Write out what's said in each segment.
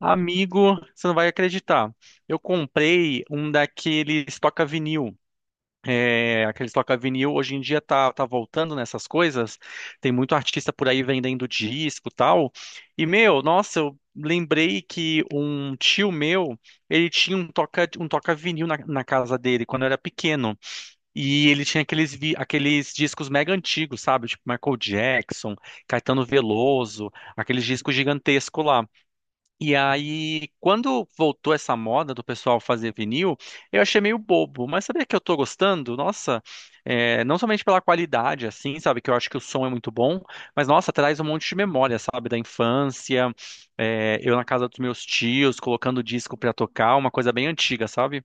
Amigo, você não vai acreditar. Eu comprei um daqueles toca-vinil. É, aqueles toca-vinil hoje em dia tá voltando nessas coisas. Tem muito artista por aí vendendo disco e tal. E, meu, nossa, eu lembrei que um tio meu, ele tinha um toca, um toca-vinil na casa dele quando eu era pequeno. E ele tinha aqueles, aqueles discos mega antigos, sabe? Tipo Michael Jackson, Caetano Veloso, aqueles discos gigantescos lá. E aí, quando voltou essa moda do pessoal fazer vinil, eu achei meio bobo, mas sabia que eu tô gostando? Nossa, é, não somente pela qualidade, assim, sabe, que eu acho que o som é muito bom, mas nossa, traz um monte de memória, sabe, da infância, é, eu na casa dos meus tios, colocando disco pra tocar, uma coisa bem antiga, sabe?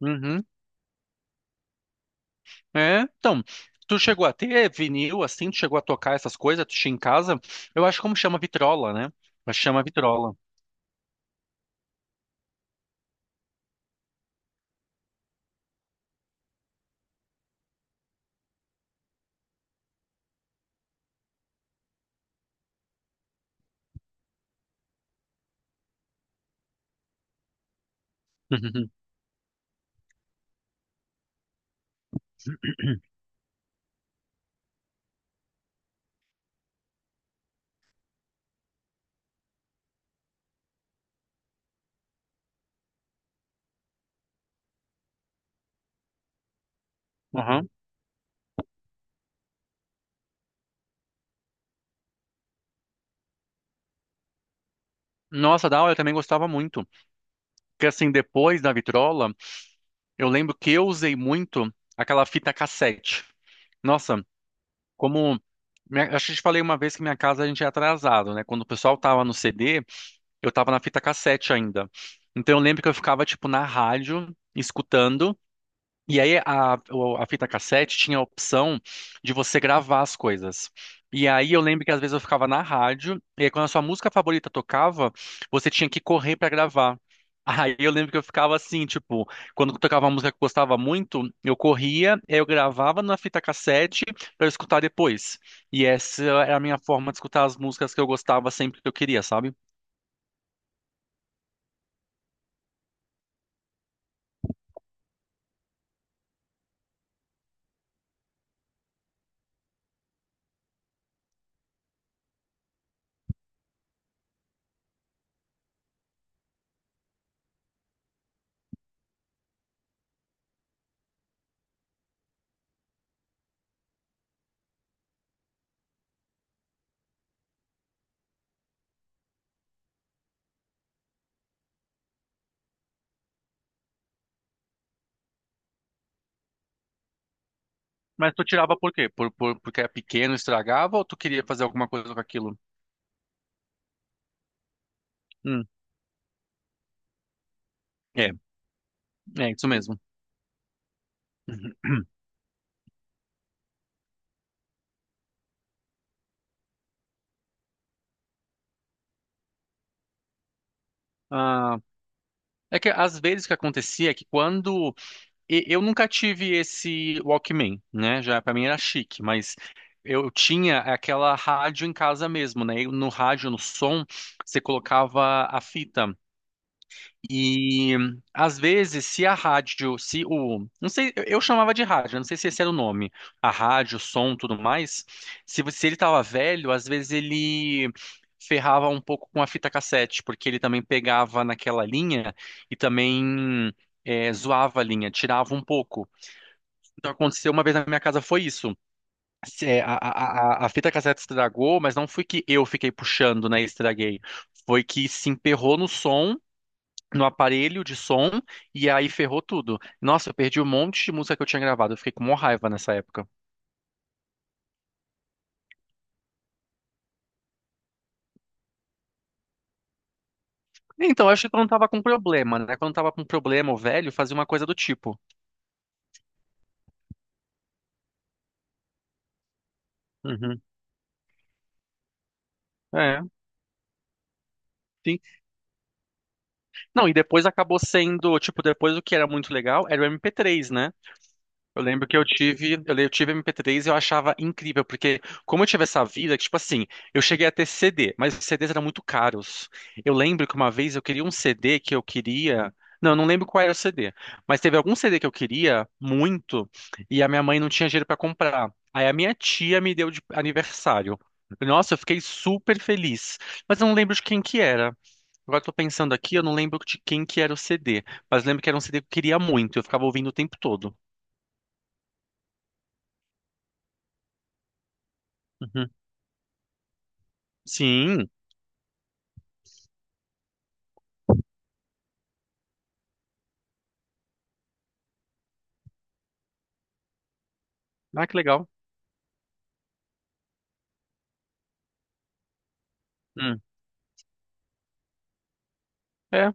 Uhum. É, então, tu chegou a ter vinil, assim, tu chegou a tocar essas coisas, tu tinha em casa, eu acho como chama vitrola, né? Eu acho que chama vitrola. Uhum. Nossa, da aula eu também gostava muito. Porque assim, depois da vitrola, eu lembro que eu usei muito aquela fita cassete. Nossa, como. Acho que eu te falei uma vez que minha casa a gente é atrasado, né? Quando o pessoal tava no CD, eu tava na fita cassete ainda. Então eu lembro que eu ficava, tipo, na rádio, escutando. E aí a fita cassete tinha a opção de você gravar as coisas. E aí eu lembro que às vezes eu ficava na rádio, e aí quando a sua música favorita tocava, você tinha que correr pra gravar. Aí eu lembro que eu ficava assim, tipo, quando tocava uma música que eu gostava muito, eu corria, aí eu gravava na fita cassete pra eu escutar depois. E essa era a minha forma de escutar as músicas que eu gostava sempre que eu queria, sabe? Mas tu tirava por quê? Porque era pequeno, estragava, ou tu queria fazer alguma coisa com aquilo? Hum, é, é isso mesmo. Ah, é que às vezes o que acontecia é que quando eu nunca tive esse Walkman, né? Já para mim era chique, mas eu tinha aquela rádio em casa mesmo, né? E no rádio, no som, você colocava a fita. E às vezes, se a rádio, se o, não sei, eu chamava de rádio, não sei se esse era o nome, a rádio, o som, tudo mais. Se ele estava velho, às vezes ele ferrava um pouco com a fita cassete, porque ele também pegava naquela linha e também zoava a linha, tirava um pouco. Então aconteceu uma vez na minha casa foi isso. A fita cassete estragou, mas não foi que eu fiquei puxando, né, e estraguei. Foi que se emperrou no som no aparelho de som e aí ferrou tudo. Nossa, eu perdi um monte de música que eu tinha gravado, eu fiquei com uma raiva nessa época. Então, eu acho que quando tava com problema, né? Quando tava com problema, o velho fazia uma coisa do tipo. Uhum. É, sim. Não, e depois acabou sendo, tipo, depois o que era muito legal era o MP3, né? Eu lembro que eu tive, eu tive MP3 e eu achava incrível, porque como eu tive essa vida, que, tipo assim, eu cheguei a ter CD, mas os CDs eram muito caros. Eu lembro que uma vez eu queria um CD que eu queria. Não, eu não lembro qual era o CD, mas teve algum CD que eu queria muito e a minha mãe não tinha dinheiro para comprar. Aí a minha tia me deu de aniversário. Nossa, eu fiquei super feliz, mas eu não lembro de quem que era. Agora eu tô pensando aqui, eu não lembro de quem que era o CD, mas lembro que era um CD que eu queria muito, eu ficava ouvindo o tempo todo. Sim. Ah, que legal. Hum. É.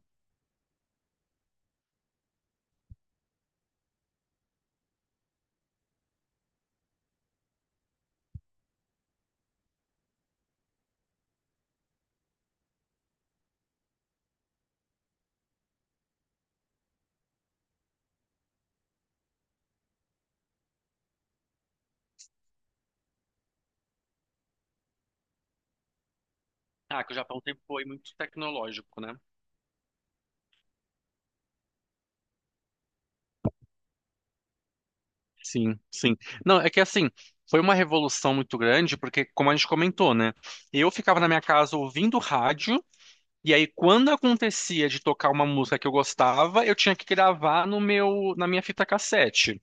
Ah, que o Japão sempre foi muito tecnológico, né? Sim, sim. Não, é que assim, foi uma revolução muito grande, porque, como a gente comentou, né? Eu ficava na minha casa ouvindo rádio, e aí, quando acontecia de tocar uma música que eu gostava, eu tinha que gravar no meu, na minha fita cassete.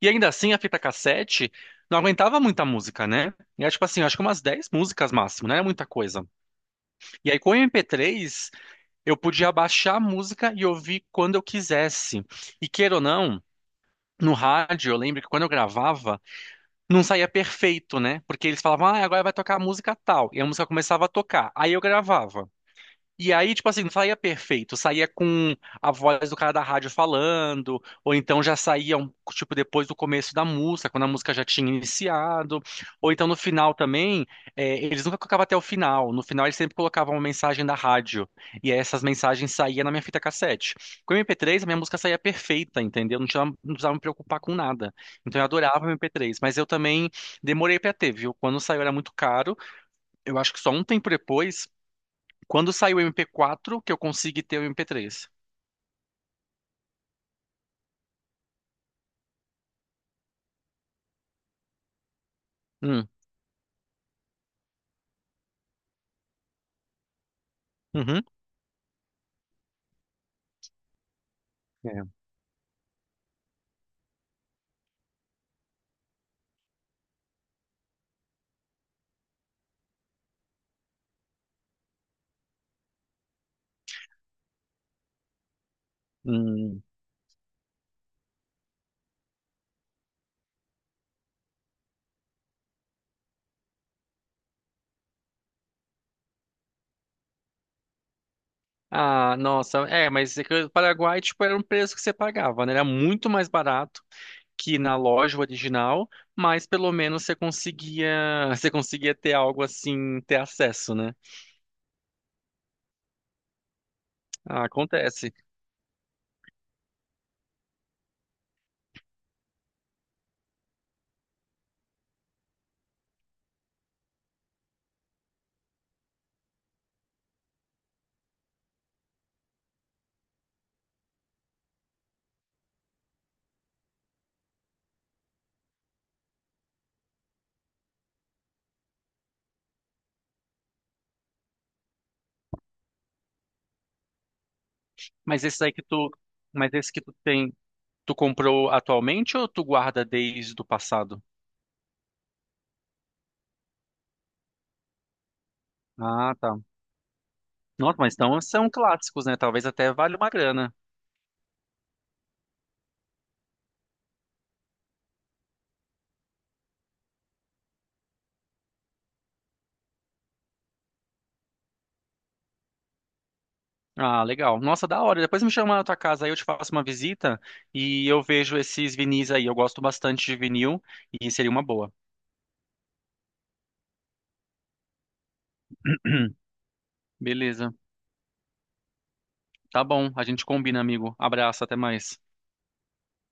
E ainda assim, a fita cassete não aguentava muita música, né? E era tipo assim, acho que umas 10 músicas máximo, não era muita coisa. E aí, com o MP3, eu podia baixar a música e ouvir quando eu quisesse. E queira ou não, no rádio, eu lembro que quando eu gravava, não saía perfeito, né? Porque eles falavam, ah, agora vai tocar a música tal. E a música começava a tocar. Aí eu gravava. E aí, tipo assim, não saía perfeito, saía com a voz do cara da rádio falando, ou então já saía, tipo, depois do começo da música, quando a música já tinha iniciado, ou então no final também, é, eles nunca colocavam até o final, no final eles sempre colocavam uma mensagem da rádio, e aí essas mensagens saíam na minha fita cassete. Com o MP3, a minha música saía perfeita, entendeu? Não tinha, não precisava me preocupar com nada. Então eu adorava o MP3, mas eu também demorei pra ter, viu? Quando saiu era muito caro, eu acho que só um tempo depois. Quando saiu o MP4, que eu consegui ter o MP3. Hum, uhum. É. Hum. Ah, nossa, é, mas é que o Paraguai, tipo, era um preço que você pagava, né? Era muito mais barato que na loja original, mas pelo menos você conseguia, você conseguia ter algo assim, ter acesso, né? Ah, acontece. Mas esse aí que tu, mas esse que tu tem, tu comprou atualmente ou tu guarda desde o passado? Ah, tá. Nossa, mas então são clássicos, né? Talvez até valha uma grana. Ah, legal. Nossa, da hora. Depois me chama na tua casa aí, eu te faço uma visita e eu vejo esses vinis aí. Eu gosto bastante de vinil e seria uma boa. Beleza. Tá bom, a gente combina, amigo. Abraço, até mais.